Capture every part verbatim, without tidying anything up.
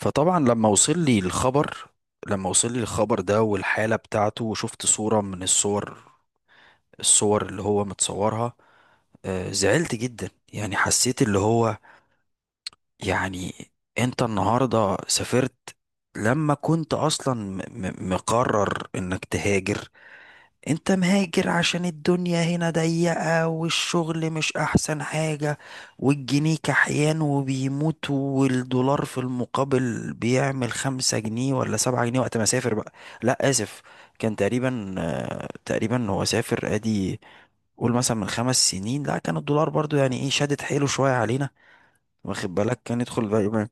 فطبعا، لما وصل لي الخبر لما وصل لي الخبر ده، والحالة بتاعته، وشفت صورة من الصور الصور اللي هو متصورها. آه، زعلت جدا، يعني حسيت اللي هو يعني. انت النهاردة سافرت لما كنت اصلا م- م- مقرر انك تهاجر. انت مهاجر عشان الدنيا هنا ضيقة، والشغل مش احسن حاجة، والجنيه كحيان وبيموت، والدولار في المقابل بيعمل خمسة جنيه ولا سبعة جنيه وقت ما سافر بقى. لا، اسف. كان تقريبا آه، تقريبا هو سافر ادي. قول مثلا من خمس سنين، لا، كان الدولار برضو يعني ايه، شادت حيله شوية علينا. واخد بالك كان يدخل بقى-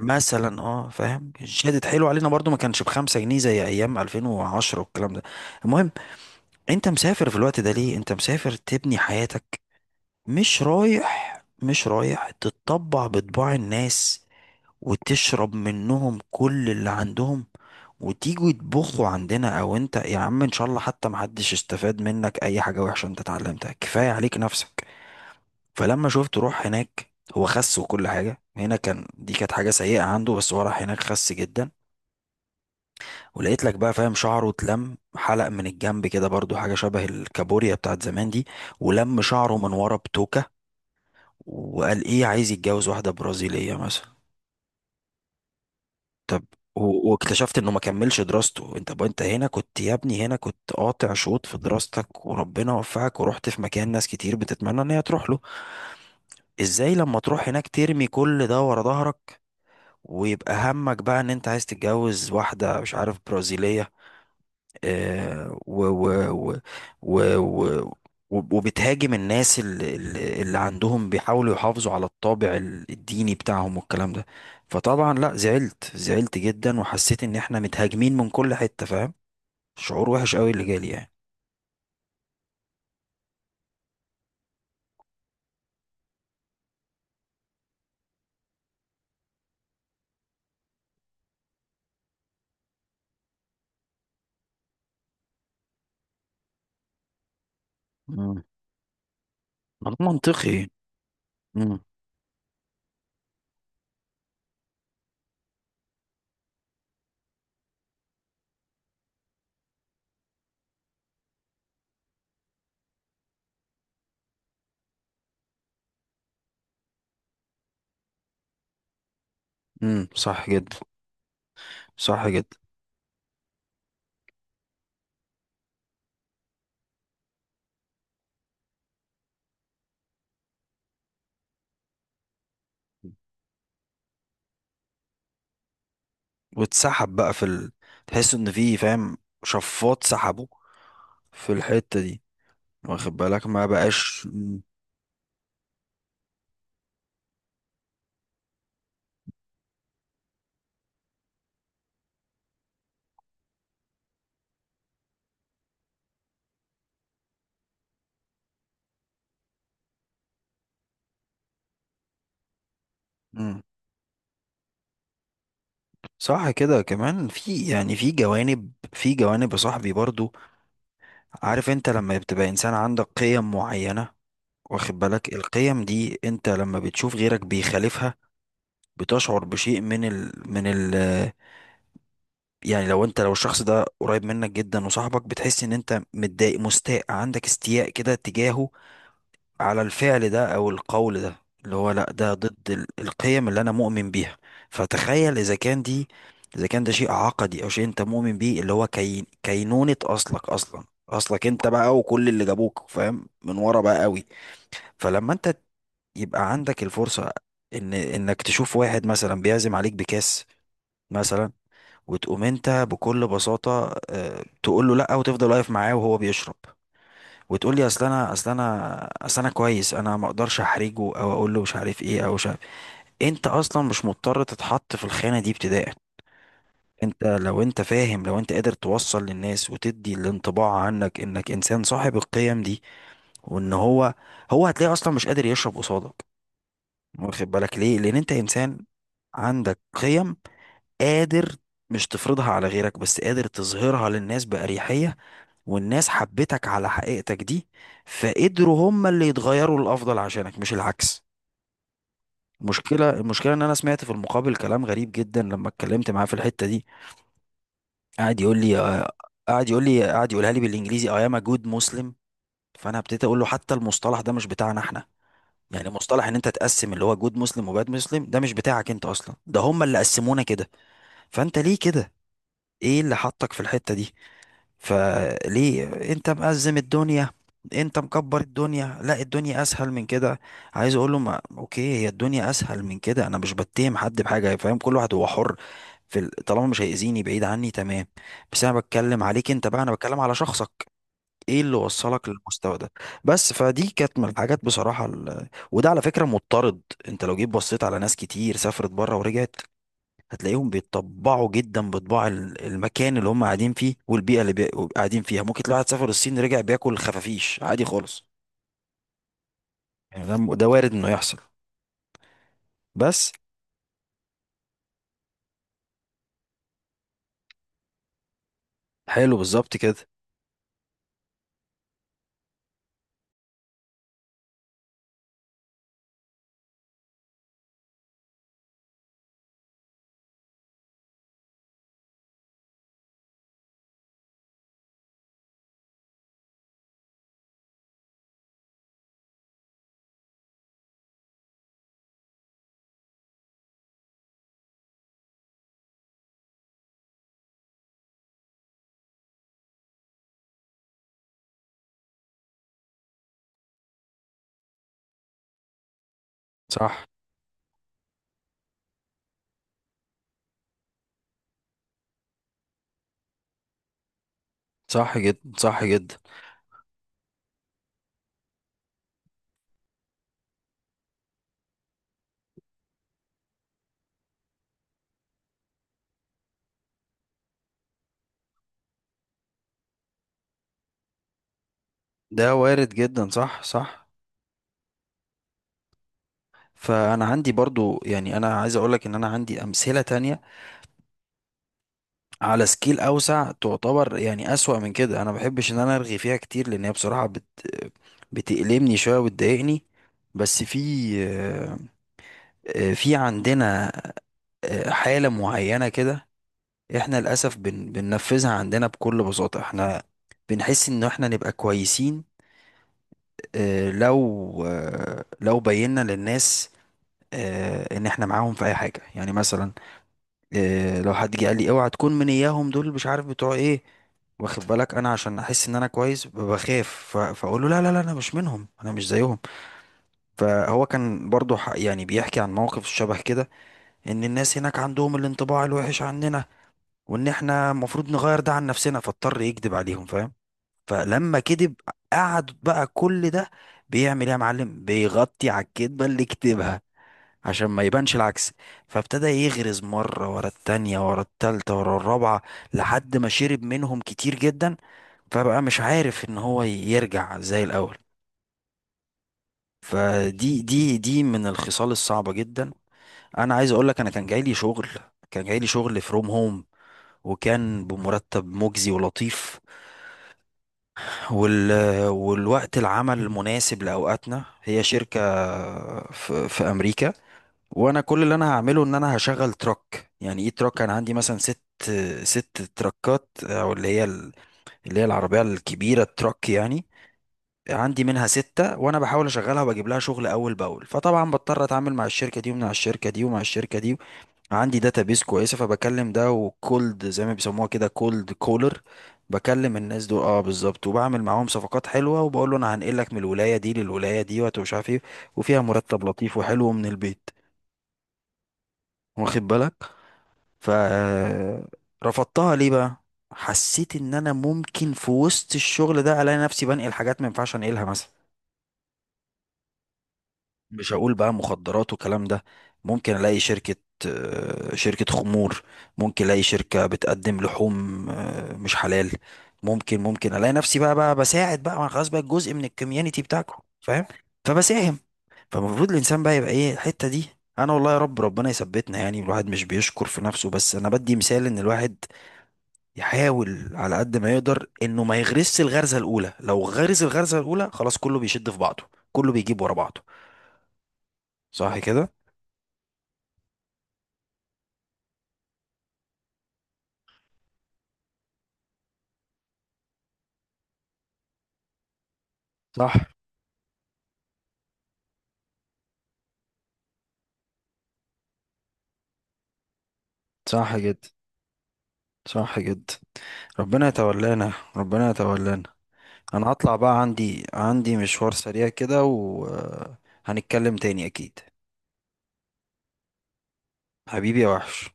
مثلا، اه، فاهم، شادت حيله علينا برضو، ما كانش بخمسة جنيه زي ايام ألفين وعشرة والكلام ده. المهم، انت مسافر في الوقت ده ليه؟ انت مسافر تبني حياتك. مش رايح مش رايح تتطبع بطباع الناس، وتشرب منهم كل اللي عندهم، وتيجوا يطبخوا عندنا. او انت يا عم، ان شاء الله حتى محدش استفاد منك اي حاجة وحشة انت اتعلمتها، كفاية عليك نفسك. فلما شفت، روح هناك هو خس، وكل حاجة هنا كان، دي كانت حاجة سيئة عنده، بس هو راح هناك خس جدا. ولقيت لك بقى، فاهم، شعره اتلم، حلق من الجنب كده برضو، حاجة شبه الكابوريا بتاعت زمان دي. ولم شعره من ورا بتوكة، وقال ايه، عايز يتجوز واحدة برازيلية مثلا. طب. و- واكتشفت انه ما كملش دراسته. انت بقى انت هنا كنت يا ابني، هنا كنت قاطع شوط في دراستك وربنا وفقك، ورحت في مكان ناس كتير بتتمنى ان هي تروح له. ازاي لما تروح هناك ترمي كل ده ورا ظهرك، ويبقى همك بقى ان انت عايز تتجوز واحدة مش عارف برازيلية؟ آه، و و و و و وبتهاجم الناس اللي, اللي عندهم بيحاولوا يحافظوا على الطابع ال- الديني بتاعهم والكلام ده. فطبعا لا، زعلت زعلت جدا، وحسيت ان احنا متهاجمين من كل حتة، فاهم، شعور وحش قوي اللي جالي يعني. مم. منطقي. امم. امم، صح جدا، صح جدا. واتسحب بقى في ال... تحس ان في، فاهم، شفاط سحبه في الحتة دي، واخد بالك، ما بقاش. امم، صح كده كمان. في يعني، في جوانب في جوانب يا صاحبي برضو. عارف، انت لما بتبقى انسان عندك قيم معينة، واخد بالك، القيم دي انت لما بتشوف غيرك بيخالفها، بتشعر بشيء من ال من ال يعني لو انت، لو الشخص ده قريب منك جدا وصاحبك، بتحس ان انت متضايق، مستاء، عندك استياء كده تجاهه، على الفعل ده او القول ده، اللي هو لا، ده ضد ال- القيم اللي انا مؤمن بيها. فتخيل اذا كان دي، اذا كان ده شيء عقدي، او شيء انت مؤمن بيه، اللي هو كي كينونة اصلك اصلا اصلك انت بقى، وكل اللي جابوك، فاهم، من ورا بقى قوي. فلما انت يبقى عندك الفرصة ان انك تشوف واحد مثلا بيعزم عليك بكاس مثلا، وتقوم انت بكل بساطة، آه، تقول له لا، وتفضل واقف معاه وهو بيشرب، وتقول لي اصل انا اصل انا اصل انا كويس، انا ما اقدرش احرجه، او اقول له مش عارف ايه، او مش عارف إيه. انت اصلا مش مضطر تتحط في الخانه دي ابتداء. انت لو انت، فاهم، لو انت قادر توصل للناس وتدي الانطباع عنك انك انسان صاحب القيم دي، وان هو هو هتلاقيه اصلا مش قادر يشرب قصادك. واخد بالك ليه؟ لان انت انسان عندك قيم، قادر، مش تفرضها على غيرك بس قادر تظهرها للناس بأريحية، والناس حبتك على حقيقتك دي، فقدروا هم اللي يتغيروا للأفضل عشانك مش العكس. المشكلة المشكلة إن أنا سمعت في المقابل كلام غريب جدا لما اتكلمت معاه في الحتة دي. قعد يقول لي آه، قعد يقول لي قعد يقولها لي بالإنجليزي: I am a good Muslim. فأنا ابتديت أقول له حتى المصطلح ده مش بتاعنا إحنا. يعني مصطلح إن أنت تقسم اللي هو جود مسلم وباد مسلم، ده مش بتاعك أنت أصلا، ده هم اللي قسمونا كده. فأنت ليه كده؟ إيه اللي حطك في الحتة دي؟ فليه انت مأزم الدنيا، انت مكبر الدنيا، لا، الدنيا اسهل من كده. عايز اقول له، ما اوكي، هي الدنيا اسهل من كده، انا مش بتهم حد بحاجه، فاهم، كل واحد هو حر في ال- طالما مش هيأذيني بعيد عني، تمام. بس انا بتكلم عليك انت بقى، انا بتكلم على شخصك. ايه اللي وصلك للمستوى ده؟ بس فدي كانت من الحاجات، بصراحه، ال... وده على فكره مضطرد. انت لو جيت بصيت على ناس كتير سافرت بره ورجعت، هتلاقيهم بيتطبعوا جدا بطباع ال- المكان اللي هم قاعدين فيه، والبيئة اللي بي... قاعدين فيها. ممكن تلاقي واحد سافر الصين رجع بياكل خفافيش عادي خالص، يعني ده ده وارد انه يحصل. بس. حلو، بالظبط كده. صح، صح جدا، صح جدا. ده وارد جدا، صح، صح. فانا عندي برضو، يعني انا عايز اقولك ان انا عندي امثلة تانية على سكيل اوسع، تعتبر يعني اسوأ من كده، انا ما بحبش ان انا ارغي فيها كتير لان هي بصراحة بت... بتألمني شوية وتضايقني. بس في آه، في عندنا، آه، حالة معينة كده. احنا للأسف بن بننفذها عندنا بكل بساطة، احنا بنحس ان احنا نبقى كويسين، آه، لو آه، لو بينا للناس، آه، ان احنا معاهم في اي حاجة، يعني مثلا، آه، لو حد جه قال لي اوعى تكون من اياهم دول مش عارف بتوع ايه. واخد بالك، انا عشان احس ان انا كويس، ب- بخاف، ف- فاقول له لا لا لا، انا مش منهم انا مش زيهم. فهو كان برضو ح- يعني بيحكي عن موقف شبه كده، ان الناس هناك عندهم الانطباع الوحش عننا، وان احنا المفروض نغير ده عن نفسنا، فاضطر يكذب عليهم، فاهم. فلما كذب، قعد بقى كل ده بيعمل ايه يا معلم؟ بيغطي على الكذبة اللي كتبها عشان ما يبانش العكس. فابتدى يغرز مرة ورا التانية، ورا التالتة، ورا الرابعة، لحد ما شرب منهم كتير جدا، فبقى مش عارف ان هو يرجع زي الاول. فدي دي دي من الخصال الصعبة جدا. انا عايز اقول لك، انا كان جاي لي شغل كان جاي لي شغل فروم هوم، وكان بمرتب مجزي ولطيف، وال... والوقت العمل مناسب لأوقاتنا. هي شركة في... في أمريكا، وأنا كل اللي أنا هعمله إن أنا هشغل تراك. يعني إيه تراك؟ أنا عندي مثلا ست ست تراكات، أو اللي هي ال- اللي هي العربية الكبيرة التراك يعني. عندي منها ستة، وأنا بحاول أشغلها وبجيب لها شغل أول بأول. فطبعا بضطر أتعامل مع الشركة دي ومع الشركة دي ومع الشركة دي. عندي داتابيس كويسه، فبكلم ده وكولد زي ما بيسموها كده كولد كولر، بكلم الناس دول، اه بالظبط، وبعمل معاهم صفقات حلوه، وبقول له انا هنقلك من الولايه دي للولايه دي، وهت- ومش عارف ايه، وفيها مرتب لطيف وحلو من البيت، واخد بالك. ف رفضتها ليه بقى؟ حسيت ان انا ممكن في وسط الشغل ده الاقي نفسي بنقل حاجات ما ينفعش انقلها، مثلا، مش هقول بقى مخدرات وكلام ده. ممكن الاقي شركة، آه، شركة خمور، ممكن الاقي شركة بتقدم لحوم، آه، مش حلال. ممكن ممكن الاقي نفسي بقى بقى بساعد بقى، ما أنا خلاص بقى جزء من الكوميونتي بتاعكم، فاهم، فبساهم. فالمفروض الانسان بقى يبقى ايه الحتة دي. انا والله يا رب، ربنا يثبتنا. يعني الواحد مش بيشكر في نفسه، بس انا بدي مثال ان الواحد يحاول على قد ما يقدر انه ما يغرسش الغرزة الاولى. لو غرس الغرزة الاولى، خلاص، كله بيشد في بعضه، كله بيجيب ورا بعضه. صح كده. صح، صح جدا، صح جدا. ربنا يتولانا، ربنا يتولانا. انا هطلع بقى، عندي عندي مشوار سريع كده، وهنتكلم تاني اكيد. حبيبي يا وحش.